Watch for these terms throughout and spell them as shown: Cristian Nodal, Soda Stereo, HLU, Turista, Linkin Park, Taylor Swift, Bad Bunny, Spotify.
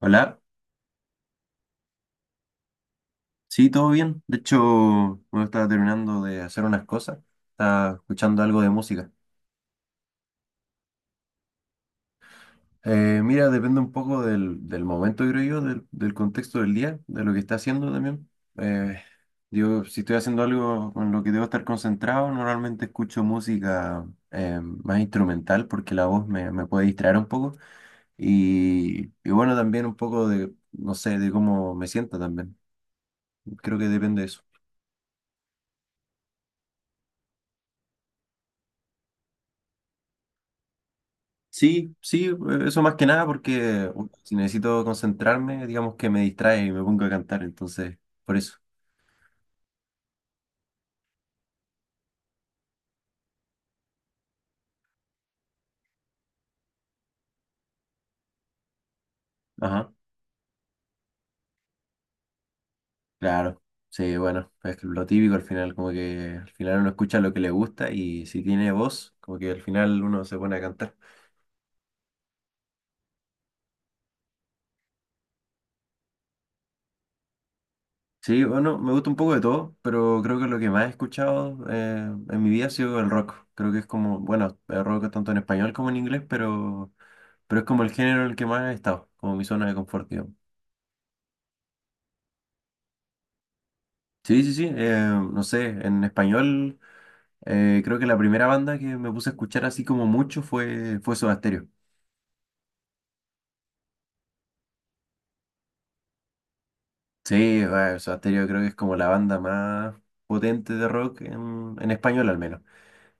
Hola, sí, todo bien. De hecho, me estaba terminando de hacer unas cosas, estaba escuchando algo de música. Mira, depende un poco del momento, creo yo, del contexto del día, de lo que está haciendo también. Eh, yo, si estoy haciendo algo con lo que debo estar concentrado, normalmente escucho música más instrumental porque la voz me puede distraer un poco. Y bueno, también un poco de, no sé, de cómo me sienta también. Creo que depende de eso. Sí, sí, eso más que nada porque si necesito concentrarme, digamos que me distrae y me pongo a cantar, entonces, por eso. Ajá, claro. Sí, bueno, es que lo típico al final, como que al final uno escucha lo que le gusta y si tiene voz, como que al final uno se pone a cantar. Sí, bueno, me gusta un poco de todo, pero creo que lo que más he escuchado en mi vida ha sido el rock. Creo que es como, bueno, el rock tanto en español como en inglés, pero es como el género en el que más he estado, como mi zona de confort. Sí, sí, sí, no sé, en español creo que la primera banda que me puse a escuchar así como mucho fue Soda Stereo. Sí, bueno, Soda Stereo creo que es como la banda más potente de rock en español al menos.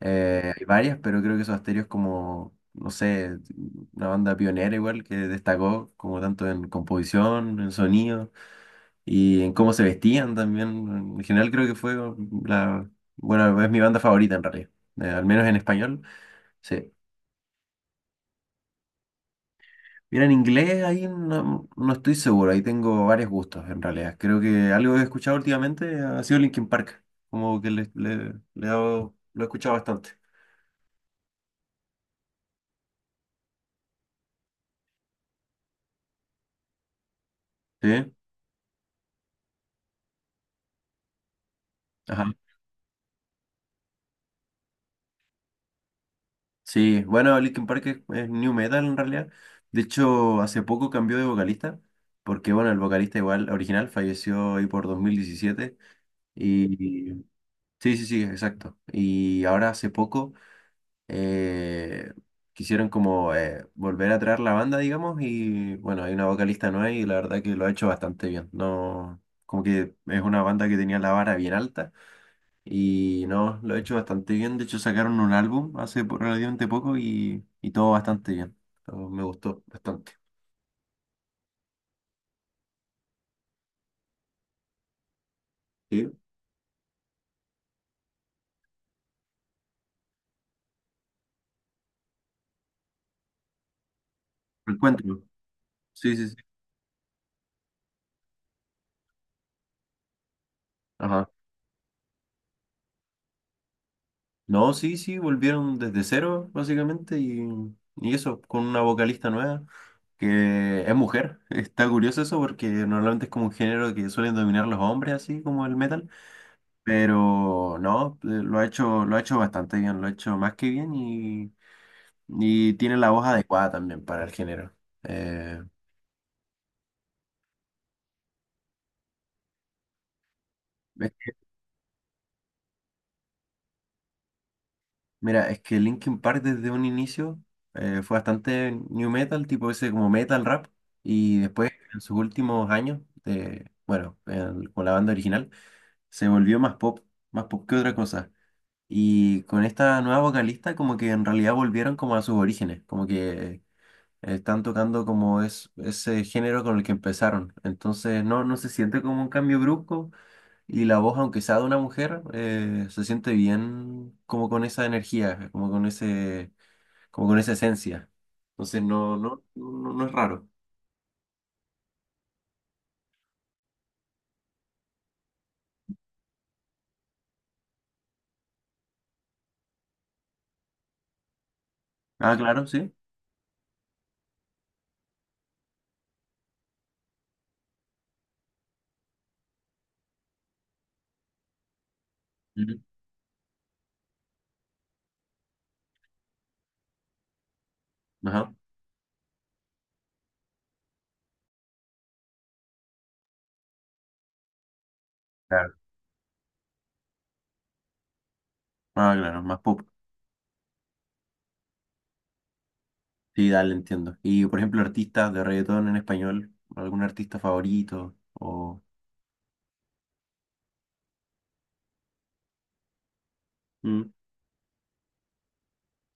Hay varias, pero creo que Soda Stereo es como, no sé, una banda pionera igual que destacó como tanto en composición, en sonido y en cómo se vestían también. En general creo que fue la, bueno, es mi banda favorita en realidad, al menos en español. Sí. Mira, en inglés ahí no, no estoy seguro, ahí tengo varios gustos en realidad. Creo que algo que he escuchado últimamente ha sido Linkin Park, como que le he lo he escuchado bastante. Sí, ajá. Sí, bueno, Linkin Park es new metal en realidad. De hecho, hace poco cambió de vocalista, porque bueno, el vocalista igual original falleció ahí por 2017. Y sí, sí, sí, exacto. Y ahora hace poco eh, quisieron como volver a traer la banda, digamos, y bueno, hay una vocalista nueva y la verdad que lo ha hecho bastante bien. No, como que es una banda que tenía la vara bien alta y no, lo ha hecho bastante bien. De hecho, sacaron un álbum hace relativamente poco y todo bastante bien. Todo me gustó bastante. Sí, encuentro. Sí, sí, sí. Ajá. No, sí, sí, volvieron desde cero, básicamente, y eso, con una vocalista nueva, que es mujer. Está curioso eso porque normalmente es como un género que suelen dominar los hombres, así como el metal, pero no, lo ha hecho bastante bien, lo ha hecho más que bien y tiene la voz adecuada también para el género. Eh, Mira, es que Linkin Park desde un inicio fue bastante new metal, tipo ese como metal rap, y después en sus últimos años, de, bueno, con la banda original, se volvió más pop que otra cosa. Y con esta nueva vocalista como que en realidad volvieron como a sus orígenes, como que están tocando como es, ese género con el que empezaron. Entonces no, no se siente como un cambio brusco, y la voz, aunque sea de una mujer, se siente bien como con esa energía, como con ese, como con esa esencia. Entonces no, no, no, no es raro. Ah, claro, sí. Ujú. Ajá. Claro. Ah, claro, más pop. Sí, dale, entiendo. Y por ejemplo, artistas de reggaetón en español, algún artista favorito o. Mm.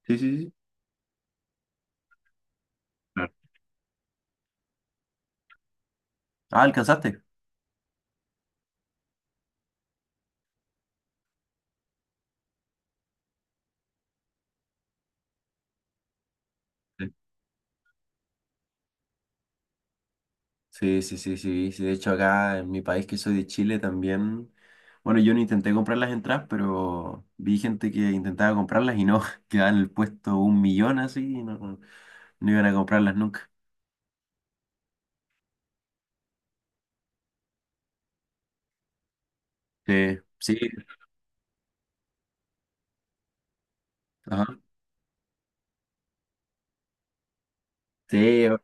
Sí, sí, sí. Claro. Ah, ¿alcanzaste? Sí, sí, sí, sí, sí. De hecho, acá en mi país, que soy de Chile, también. Bueno, yo no intenté comprar las entradas, pero vi gente que intentaba comprarlas y no, quedaban en el puesto un millón así y no, no iban a comprarlas nunca. Sí, sí, ajá. Sí,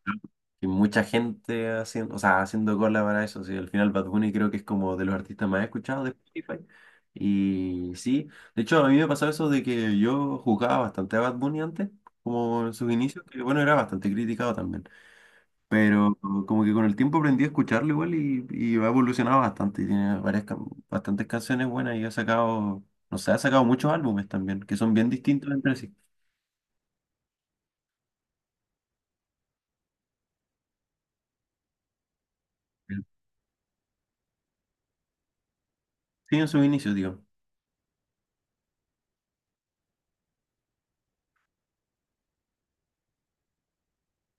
y mucha gente haciendo, o sea, haciendo cola para eso. Sí, al final Bad Bunny creo que es como de los artistas más escuchados de Spotify. Y sí, de hecho, a mí me pasó eso de que yo jugaba bastante a Bad Bunny antes, como en sus inicios, que bueno, era bastante criticado también. Pero como que con el tiempo aprendí a escucharlo igual y ha evolucionado bastante. Y tiene bastantes canciones buenas y ha sacado, no sé, ha sacado muchos álbumes también, que son bien distintos entre sí. Sí, en sus inicios, digo.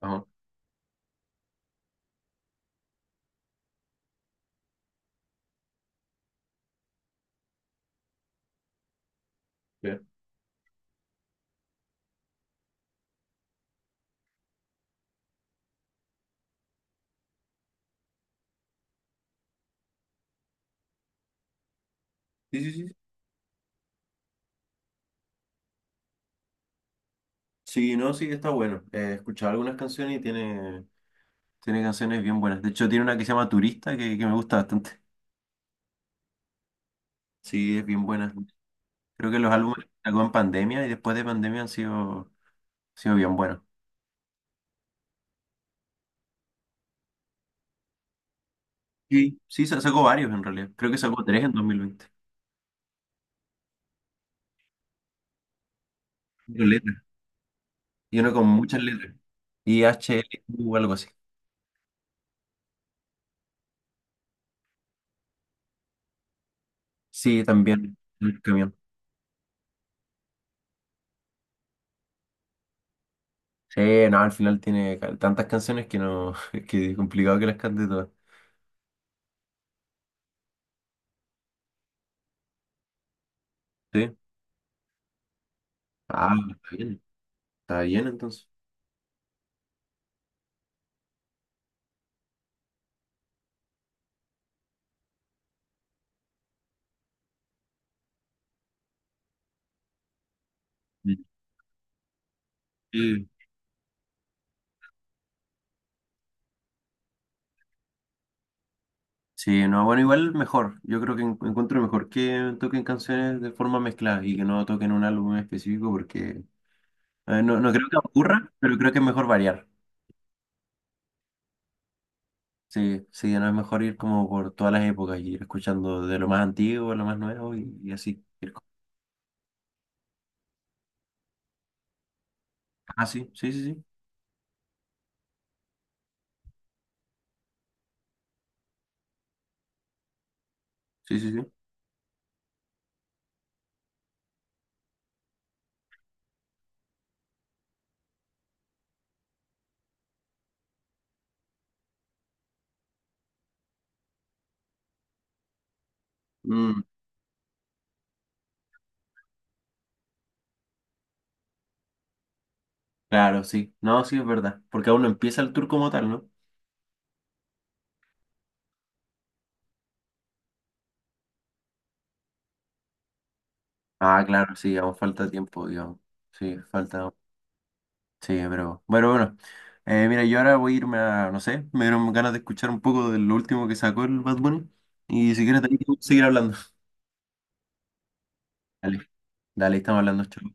Ajá. Ya. Sí, sí, sí. Sí, no, sí, está bueno. He escuchado algunas canciones y tiene, tiene canciones bien buenas. De hecho, tiene una que se llama Turista que me gusta bastante. Sí, es bien buena. Creo que los álbumes que sacó en pandemia y después de pandemia han sido bien buenos. Sí, sí, sacó varios en realidad. Creo que sacó tres en 2020. Pero letras. Y uno con muchas letras. Y HLU o algo así. Sí, también. El camión. Sí, no, al final tiene tantas canciones que no, que es complicado que las cante todas. Sí. Ah, está bien. Está bien entonces. Sí. Sí, no, bueno, igual mejor. Yo creo que encuentro mejor que toquen canciones de forma mezclada y que no toquen un álbum en específico porque no, no creo que aburra, pero creo que es mejor variar. Sí, sí, no es mejor ir como por todas las épocas y ir escuchando de lo más antiguo a lo más nuevo y así. Ah, sí, sí, sí, sí, sí, sí, sí. Mm, claro, sí. No, sí, es verdad. Porque aún no empieza el tour como tal, ¿no? Ah, claro, sí, aún falta tiempo, digamos. Sí, falta. Sí, pero bueno, bueno. Mira, yo ahora voy a irme a, no sé, me dieron ganas de escuchar un poco de lo último que sacó el Bad Bunny. Y si quieres, también podemos seguir hablando. Dale, dale, estamos hablando. Chao.